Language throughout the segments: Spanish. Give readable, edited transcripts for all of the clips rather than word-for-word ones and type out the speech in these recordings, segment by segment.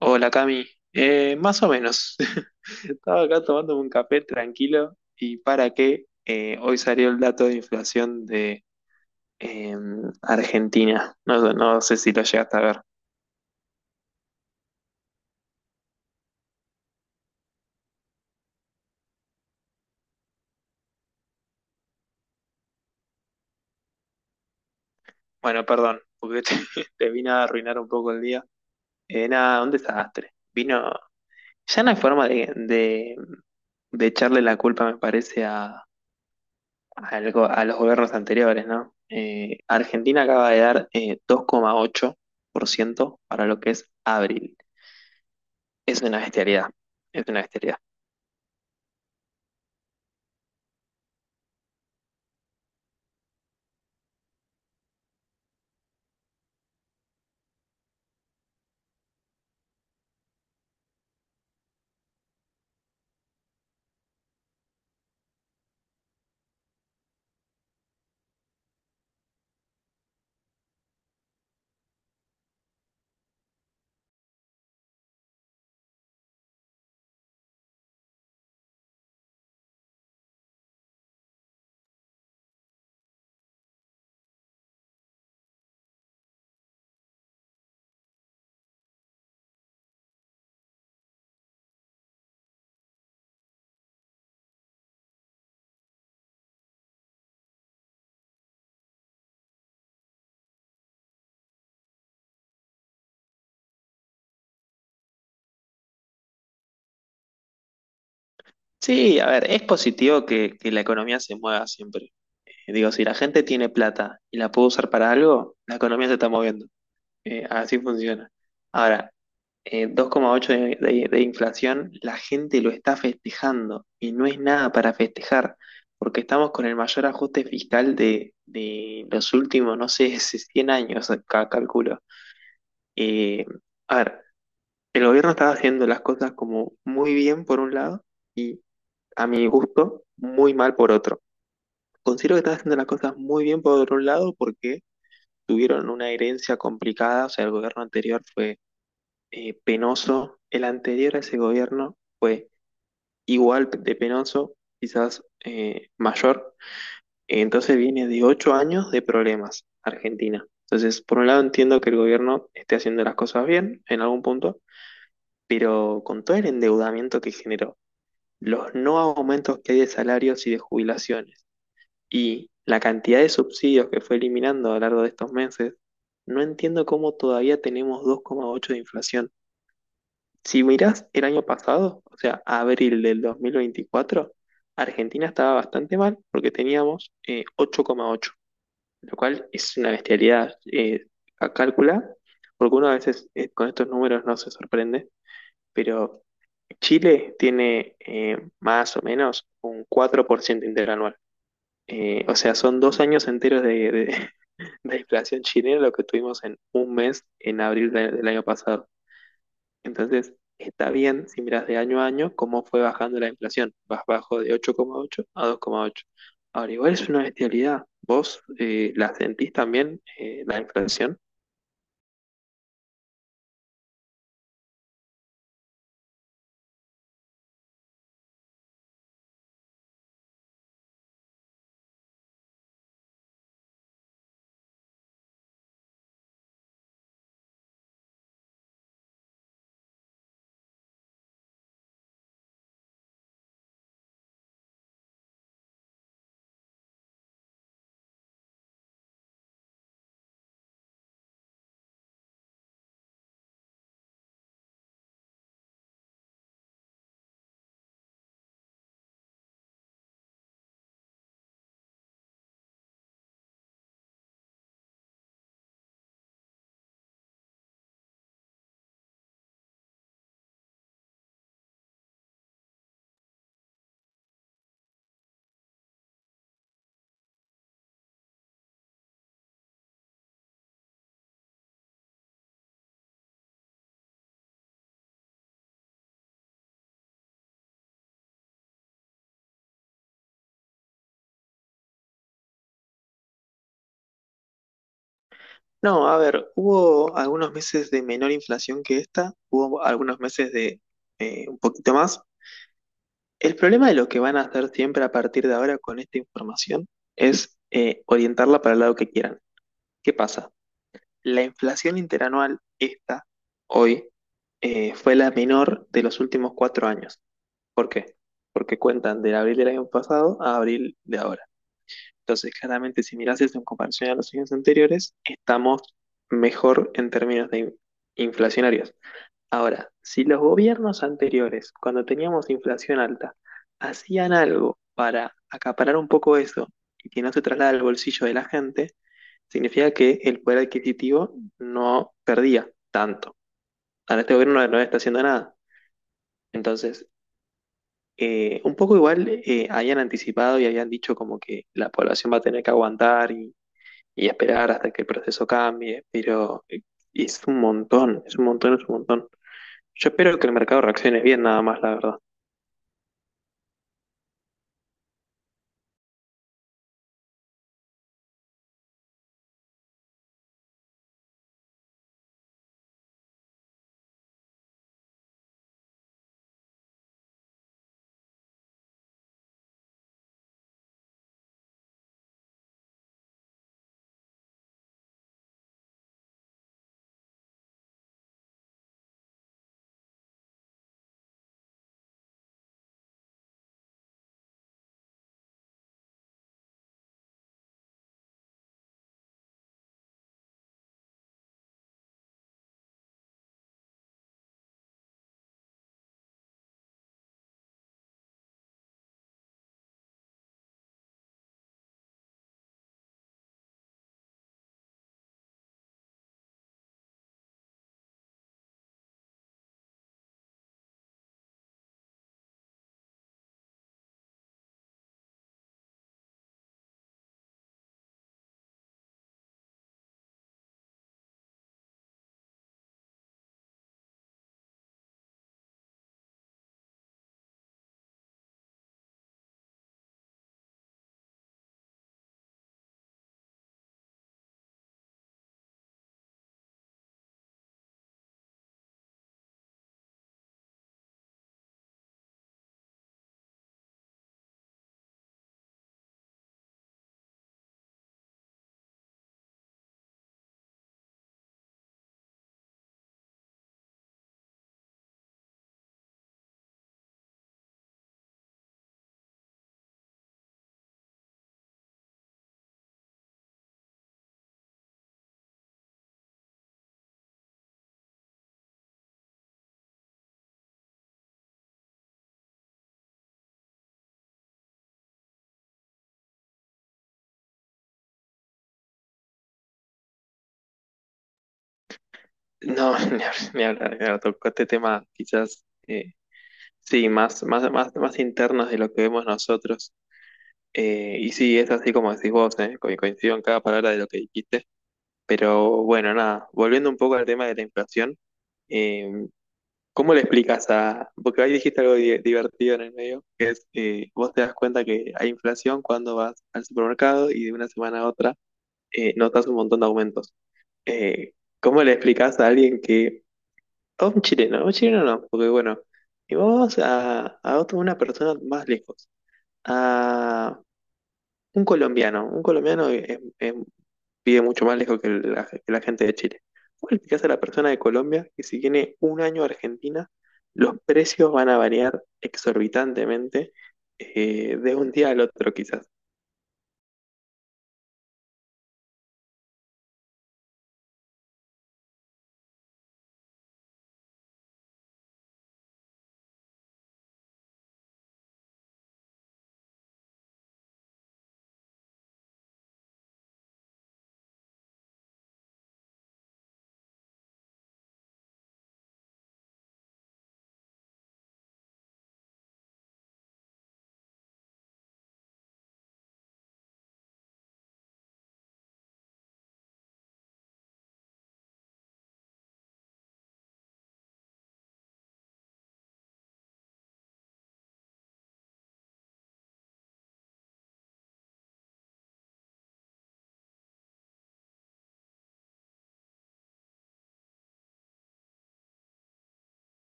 Hola, Cami. Más o menos. Estaba acá tomándome un café tranquilo y para qué, hoy salió el dato de inflación de eh, Argentina. No, no sé si lo llegaste a ver. Bueno, perdón, porque te, te vine a arruinar un poco el día. Nada, un desastre. Vino, ya no hay forma de echarle la culpa, me parece, a los gobiernos anteriores, ¿no? Argentina acaba de dar 2,8% para lo que es abril. Es una bestialidad, es una bestialidad. Sí, a ver, es positivo que la economía se mueva siempre. Digo, si la gente tiene plata y la puede usar para algo, la economía se está moviendo. Así funciona. Ahora, 2,8 de inflación, la gente lo está festejando y no es nada para festejar, porque estamos con el mayor ajuste fiscal de los últimos, no sé, 100 años, acá calculo. Eh, a ver, el gobierno estaba haciendo las cosas como muy bien por un lado y a mi gusto muy mal por otro. Considero que están haciendo las cosas muy bien por un lado porque tuvieron una herencia complicada, o sea, el gobierno anterior fue penoso, el anterior a ese gobierno fue igual de penoso, quizás mayor, entonces viene de 8 años de problemas Argentina. Entonces, por un lado entiendo que el gobierno esté haciendo las cosas bien en algún punto, pero con todo el endeudamiento que generó, los no aumentos que hay de salarios y de jubilaciones y la cantidad de subsidios que fue eliminando a lo largo de estos meses, no entiendo cómo todavía tenemos 2,8 de inflación. Si mirás el año pasado, o sea, abril del 2024, Argentina estaba bastante mal porque teníamos 8,8, lo cual es una bestialidad a calcular porque uno a veces con estos números no se sorprende, pero Chile tiene más o menos un 4% interanual. O sea, son 2 años enteros de de inflación chilena lo que tuvimos en un mes en abril del año pasado. Entonces, está bien si miras de año a año cómo fue bajando la inflación. Vas bajo de 8,8 a 2,8. Ahora, igual es una bestialidad. ¿Vos la sentís también, la inflación? No, a ver, hubo algunos meses de menor inflación que esta, hubo algunos meses de un poquito más. El problema de lo que van a hacer siempre a partir de ahora con esta información es orientarla para el lado que quieran. ¿Qué pasa? La inflación interanual, esta, hoy, fue la menor de los últimos 4 años. ¿Por qué? Porque cuentan del abril del año pasado a abril de ahora. Entonces, claramente, si miras eso en comparación a los años anteriores, estamos mejor en términos de inflacionarios. Ahora, si los gobiernos anteriores, cuando teníamos inflación alta, hacían algo para acaparar un poco eso y que no se traslada al bolsillo de la gente, significa que el poder adquisitivo no perdía tanto. Ahora este gobierno no, no está haciendo nada. Entonces, un poco igual habían anticipado y habían dicho como que la población va a tener que aguantar y esperar hasta que el proceso cambie, pero es un montón, es un montón, es un montón. Yo espero que el mercado reaccione bien nada más, la verdad. No, ni hab- ni hablar, claro, tocó este tema quizás, sí, más, más, más, más internos de lo que vemos nosotros. Y sí, es así como decís vos, coincido en cada palabra de lo que dijiste. Pero bueno, nada, volviendo un poco al tema de la inflación, eh, ¿cómo le explicas a...? Porque ahí dijiste algo divertido en el medio, que es, vos te das cuenta que hay inflación cuando vas al supermercado y de una semana a otra notas un montón de aumentos. Eh, ¿Cómo le explicas a alguien que o un chileno no, porque bueno, y vamos a una persona más lejos, a un colombiano vive mucho más lejos que la gente de Chile. ¿Cómo le explicás a la persona de Colombia que si tiene un año a Argentina, los precios van a variar exorbitantemente de un día al otro quizás?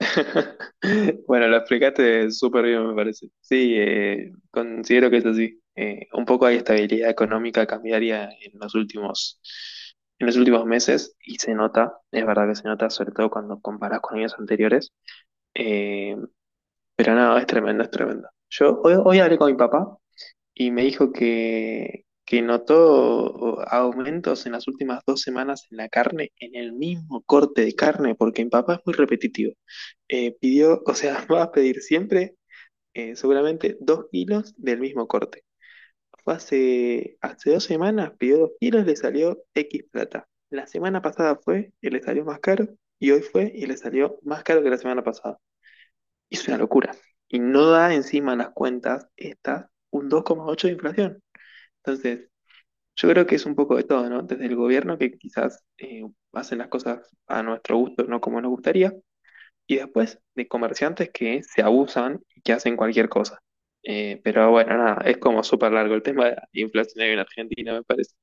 Bueno, lo explicaste súper bien, me parece. Sí, considero que es así. Un poco hay estabilidad económica cambiaria en los últimos meses y se nota, es verdad que se nota, sobre todo cuando comparás con años anteriores. Eh, pero no, es tremendo, es tremendo. Yo hoy hablé con mi papá y me dijo que notó aumentos en las últimas 2 semanas en la carne, en el mismo corte de carne, porque mi papá es muy repetitivo. Pidió, o sea, va a pedir siempre seguramente 2 kilos del mismo corte. Fue hace 2 semanas, pidió 2 kilos, le salió X plata. La semana pasada fue y le salió más caro, y hoy fue y le salió más caro que la semana pasada. Es una locura. Y no da encima en las cuentas estas un 2,8 de inflación. Entonces, yo creo que es un poco de todo, ¿no? Desde el gobierno que quizás hacen las cosas a nuestro gusto, no como nos gustaría, y después de comerciantes que se abusan y que hacen cualquier cosa. Pero bueno, nada, es como súper largo el tema de la inflación en Argentina, me parece.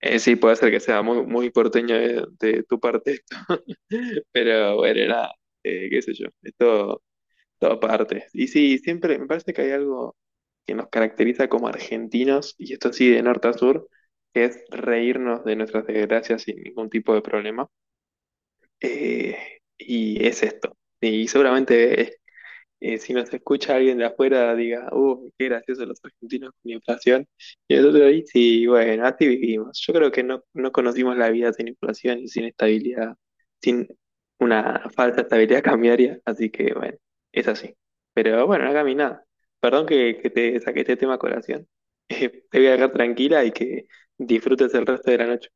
Sí, puede ser que sea muy, muy porteño de tu parte esto, pero bueno, nada, qué sé yo, es todo, todo parte. Y sí, siempre me parece que hay algo que nos caracteriza como argentinos, y esto sí de norte a sur, que es reírnos de nuestras desgracias sin ningún tipo de problema. Eh, y es esto. Y seguramente es si nos escucha alguien de afuera, diga, qué gracioso los argentinos con inflación. Y nosotros ahí, sí, bueno, así vivimos. Yo creo que no, no conocimos la vida sin inflación y sin estabilidad, sin una falsa estabilidad cambiaria. Así que, bueno, es así. Pero bueno, no mi nada. Perdón que te saqué este tema a colación. Te voy a dejar tranquila y que disfrutes el resto de la noche.